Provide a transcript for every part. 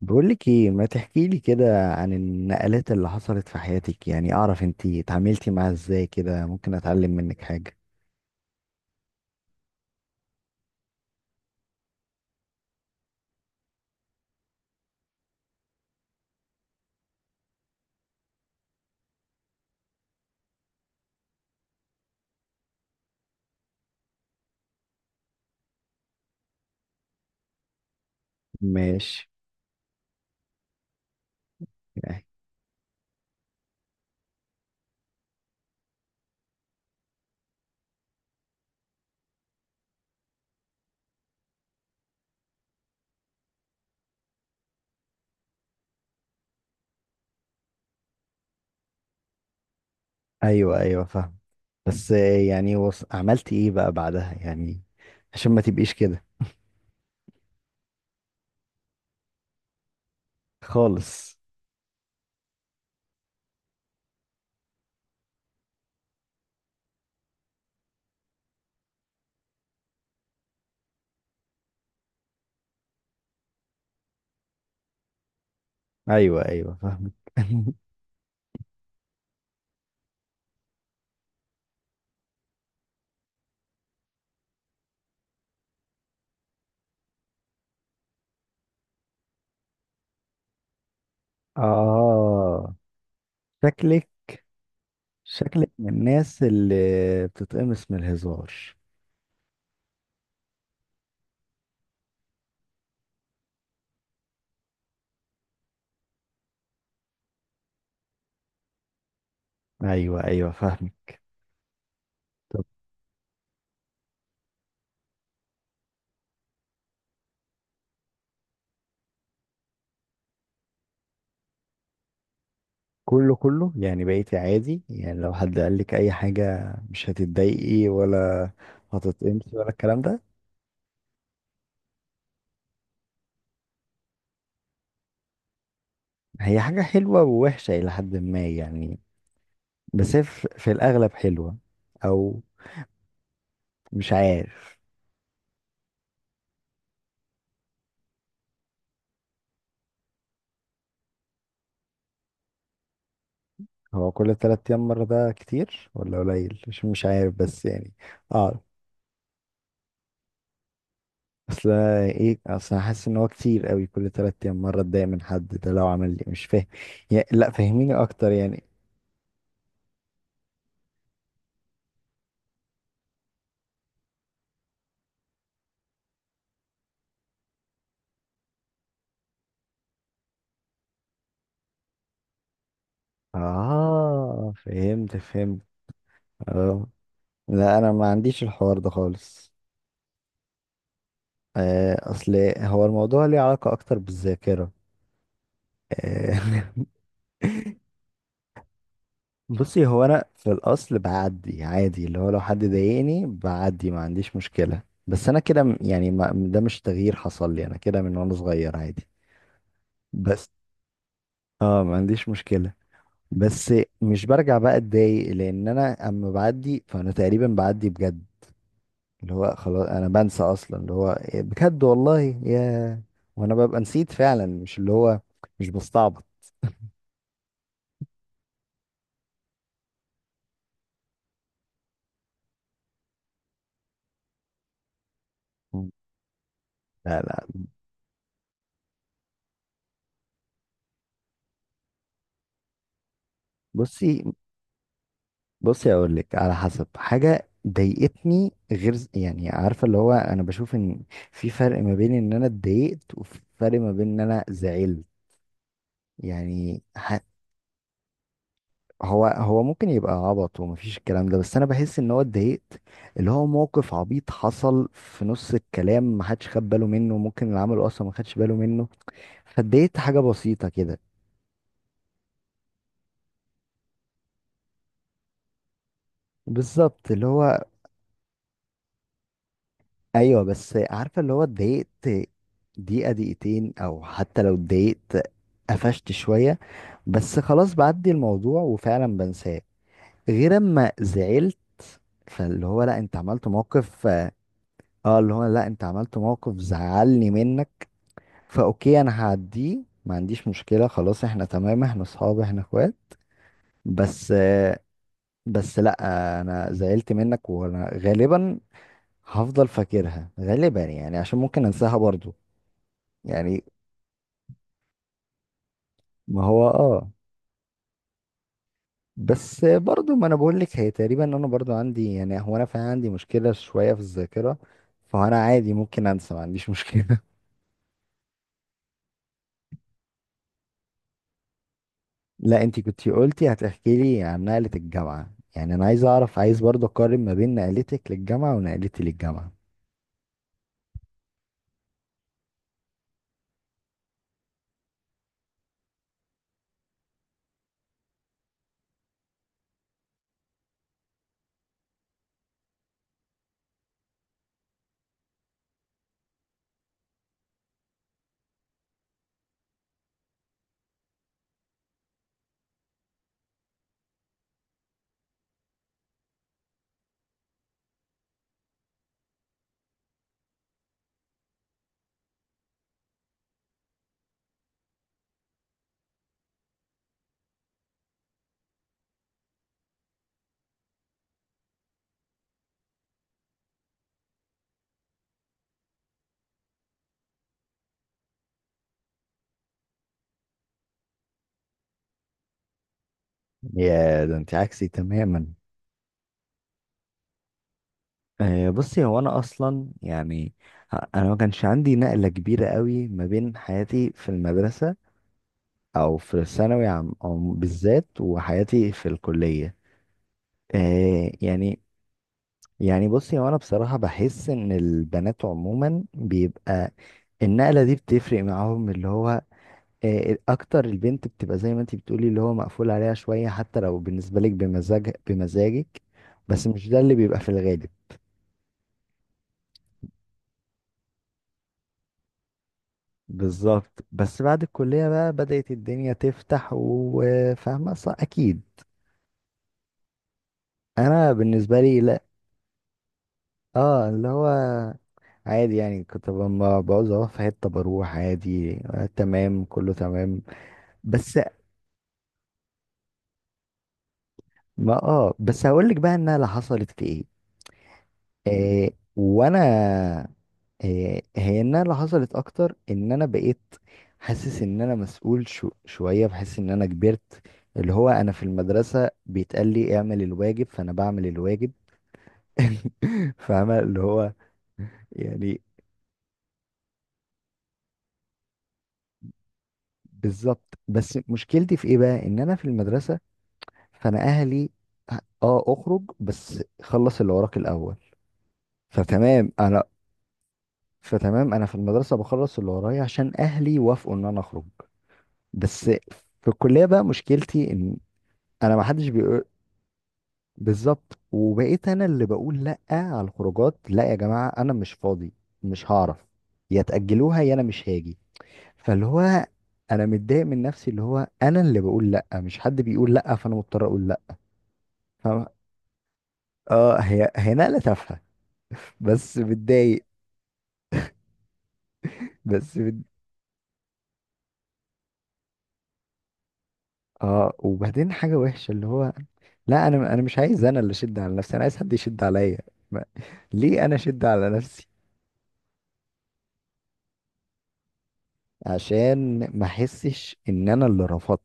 بقولك ايه، ما تحكيلي كده عن النقلات اللي حصلت في حياتك؟ يعني اعرف انتي اتعاملتي معاها ازاي، كده ممكن اتعلم منك حاجة. ماشي. ايوه ايوه، فاهم. بس يعني عملتي ايه بقى بعدها يعني؟ عشان ما تبقيش كده خالص. ايوه ايوه، فاهمك. اه، شكلك، شكلك من الناس اللي بتتقمص من الهزار. ايوه ايوه، فاهمك. كله كله يعني بقيتي عادي؟ يعني لو حد قال لك اي حاجة مش هتتضايقي ولا هتتقمصي ولا الكلام ده؟ هي حاجة حلوة ووحشة الى حد ما يعني. بس هي في الاغلب حلوة، او مش عارف. هو كل تلات ايام مرة ده كتير ولا قليل؟ مش عارف بس يعني. اه، اصل ايه، اصل أنا حاسس ان هو كتير قوي كل تلات ايام مرة اتضايق من حد ده، لو عمل لي مش فاهم يعني، لا فهميني اكتر يعني. اه، فهمت فهمت. اه لا، انا ما عنديش الحوار ده خالص. اصل هو الموضوع ليه علاقة اكتر بالذاكرة. آه، بصي، هو انا في الاصل بعدي عادي، اللي هو لو حد ضايقني بعدي ما عنديش مشكلة، بس انا كده يعني، ما ده مش تغيير حصل لي، انا كده من وانا صغير عادي. بس اه، ما عنديش مشكلة. بس مش برجع بقى اتضايق، لان انا اما بعدي فانا تقريبا بعدي بجد، اللي هو خلاص انا بنسى اصلا، اللي هو إيه بجد والله يا، وانا ببقى نسيت فعلا، مش اللي هو مش بستعبط. مم. لا لا. بصي، بصي اقول لك، على حسب حاجه ضايقتني، غير يعني، عارفه اللي هو انا بشوف ان في فرق ما بين ان انا اتضايقت وفي فرق ما بين ان انا زعلت. يعني هو، هو ممكن يبقى عبط ومفيش الكلام ده، بس انا بحس ان هو اتضايقت، اللي هو موقف عبيط حصل في نص الكلام محدش خد باله منه، ممكن اللي عمله اصلا ما خدش باله منه، فاتضايقت حاجة بسيطة كده. بالظبط اللي هو. ايوه بس عارفة اللي هو اتضايقت دقيقة دقيقتين، او حتى لو اتضايقت قفشت شوية، بس خلاص بعدي الموضوع وفعلا بنساه. غير اما زعلت، فاللي هو لا انت عملت موقف، اه اللي هو لا انت عملت موقف زعلني منك، فاوكي انا هعديه ما عنديش مشكلة، خلاص احنا تمام، احنا اصحاب، احنا اخوات، بس بس لا، انا زعلت منك وانا غالبا هفضل فاكرها غالبا يعني، عشان ممكن انساها برضو يعني. ما هو اه، بس برضو ما انا بقول لك، هي تقريبا انا برضو عندي يعني، هو انا فعلا عندي مشكلة شوية في الذاكرة، فانا عادي ممكن انسى، ما عنديش مشكلة. لا انتي كنتي قلتي هتحكي لي عن نقلة الجامعة، يعني انا عايز اعرف، عايز برضو اقارن ما بين نقلتك للجامعة ونقلتي للجامعة. يا ده انت عكسي تماما. بصي هو انا اصلا يعني، انا ما كانش عندي نقلة كبيرة قوي ما بين حياتي في المدرسة او في الثانوي عام أو بالذات وحياتي في الكلية. آه يعني، يعني بصي هو انا بصراحة بحس ان البنات عموما بيبقى النقلة دي بتفرق معاهم، اللي هو آه اكتر، البنت بتبقى زي ما انت بتقولي اللي هو مقفول عليها شوية، حتى لو بالنسبة لك بمزاج، بمزاجك. بس مش ده اللي بيبقى في الغالب. بالظبط. بس بعد الكلية بقى بدأت الدنيا تفتح وفاهمة صح أكيد. أنا بالنسبة لي لا. اه اللي هو عادي يعني، كنت لما بعوز اروح في حته بروح عادي، آه تمام كله تمام. بس ما اه، بس هقول لك بقى انها اللي حصلت في ايه. آه وانا، آه هي انها اللي حصلت اكتر ان انا بقيت حاسس ان انا مسؤول، شويه بحس ان انا كبرت. اللي هو انا في المدرسه بيتقال لي اعمل الواجب فانا بعمل الواجب. فاهمه اللي هو يعني. بالظبط بس مشكلتي في ايه بقى، ان انا في المدرسه فانا اهلي اه اخرج بس خلص اللي وراك الاول، فتمام انا، فتمام انا في المدرسه بخلص اللي ورايا عشان اهلي وافقوا ان انا اخرج. بس في الكليه بقى مشكلتي ان انا ما حدش بيقول. بالظبط، وبقيت انا اللي بقول لا على الخروجات، لا يا جماعه انا مش فاضي، مش هعرف، يا تاجلوها يا انا مش هاجي. فاللي هو انا متضايق من نفسي، اللي هو انا اللي بقول لا مش حد بيقول لا، فانا مضطر اقول لا. فاهم. اه، هي هي نقله تافهه. بس متضايق. بس مت... اه وبعدين حاجة وحشة اللي هو، لا انا، انا مش عايز انا اللي اشد على نفسي، انا عايز حد يشد عليا. ما... ليه انا اشد على نفسي؟ عشان ما احسش ان انا اللي رفضت.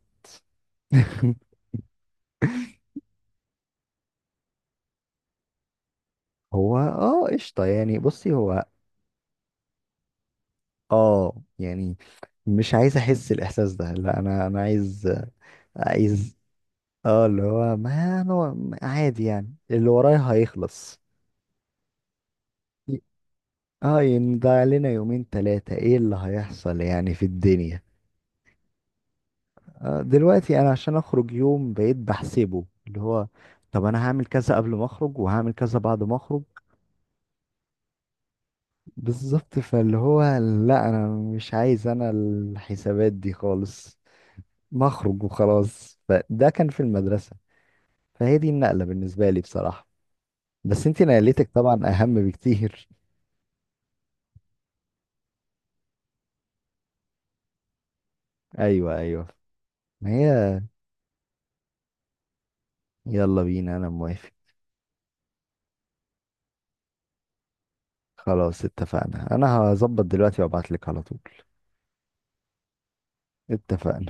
هو اه قشطة يعني، بصي هو اه يعني، مش عايز احس الاحساس ده، لا انا، انا عايز، عايز، اه اللي هو ما انا عادي يعني، اللي ورايا هيخلص. اه، ينضيع لنا يومين تلاتة، ايه اللي هيحصل يعني في الدنيا؟ آه دلوقتي انا عشان اخرج يوم بقيت بحسبه، اللي هو طب انا هعمل كذا قبل ما اخرج وهعمل كذا بعد ما اخرج. بالظبط، فاللي هو لا انا مش عايز انا الحسابات دي خالص، ما اخرج وخلاص. فده كان في المدرسة، فهي دي النقلة بالنسبة لي بصراحة. بس انتي نقلتك طبعا اهم بكتير. ايوه ايوه، ما هي. يلا بينا، انا موافق. خلاص اتفقنا، انا هظبط دلوقتي وابعت لك على طول. اتفقنا.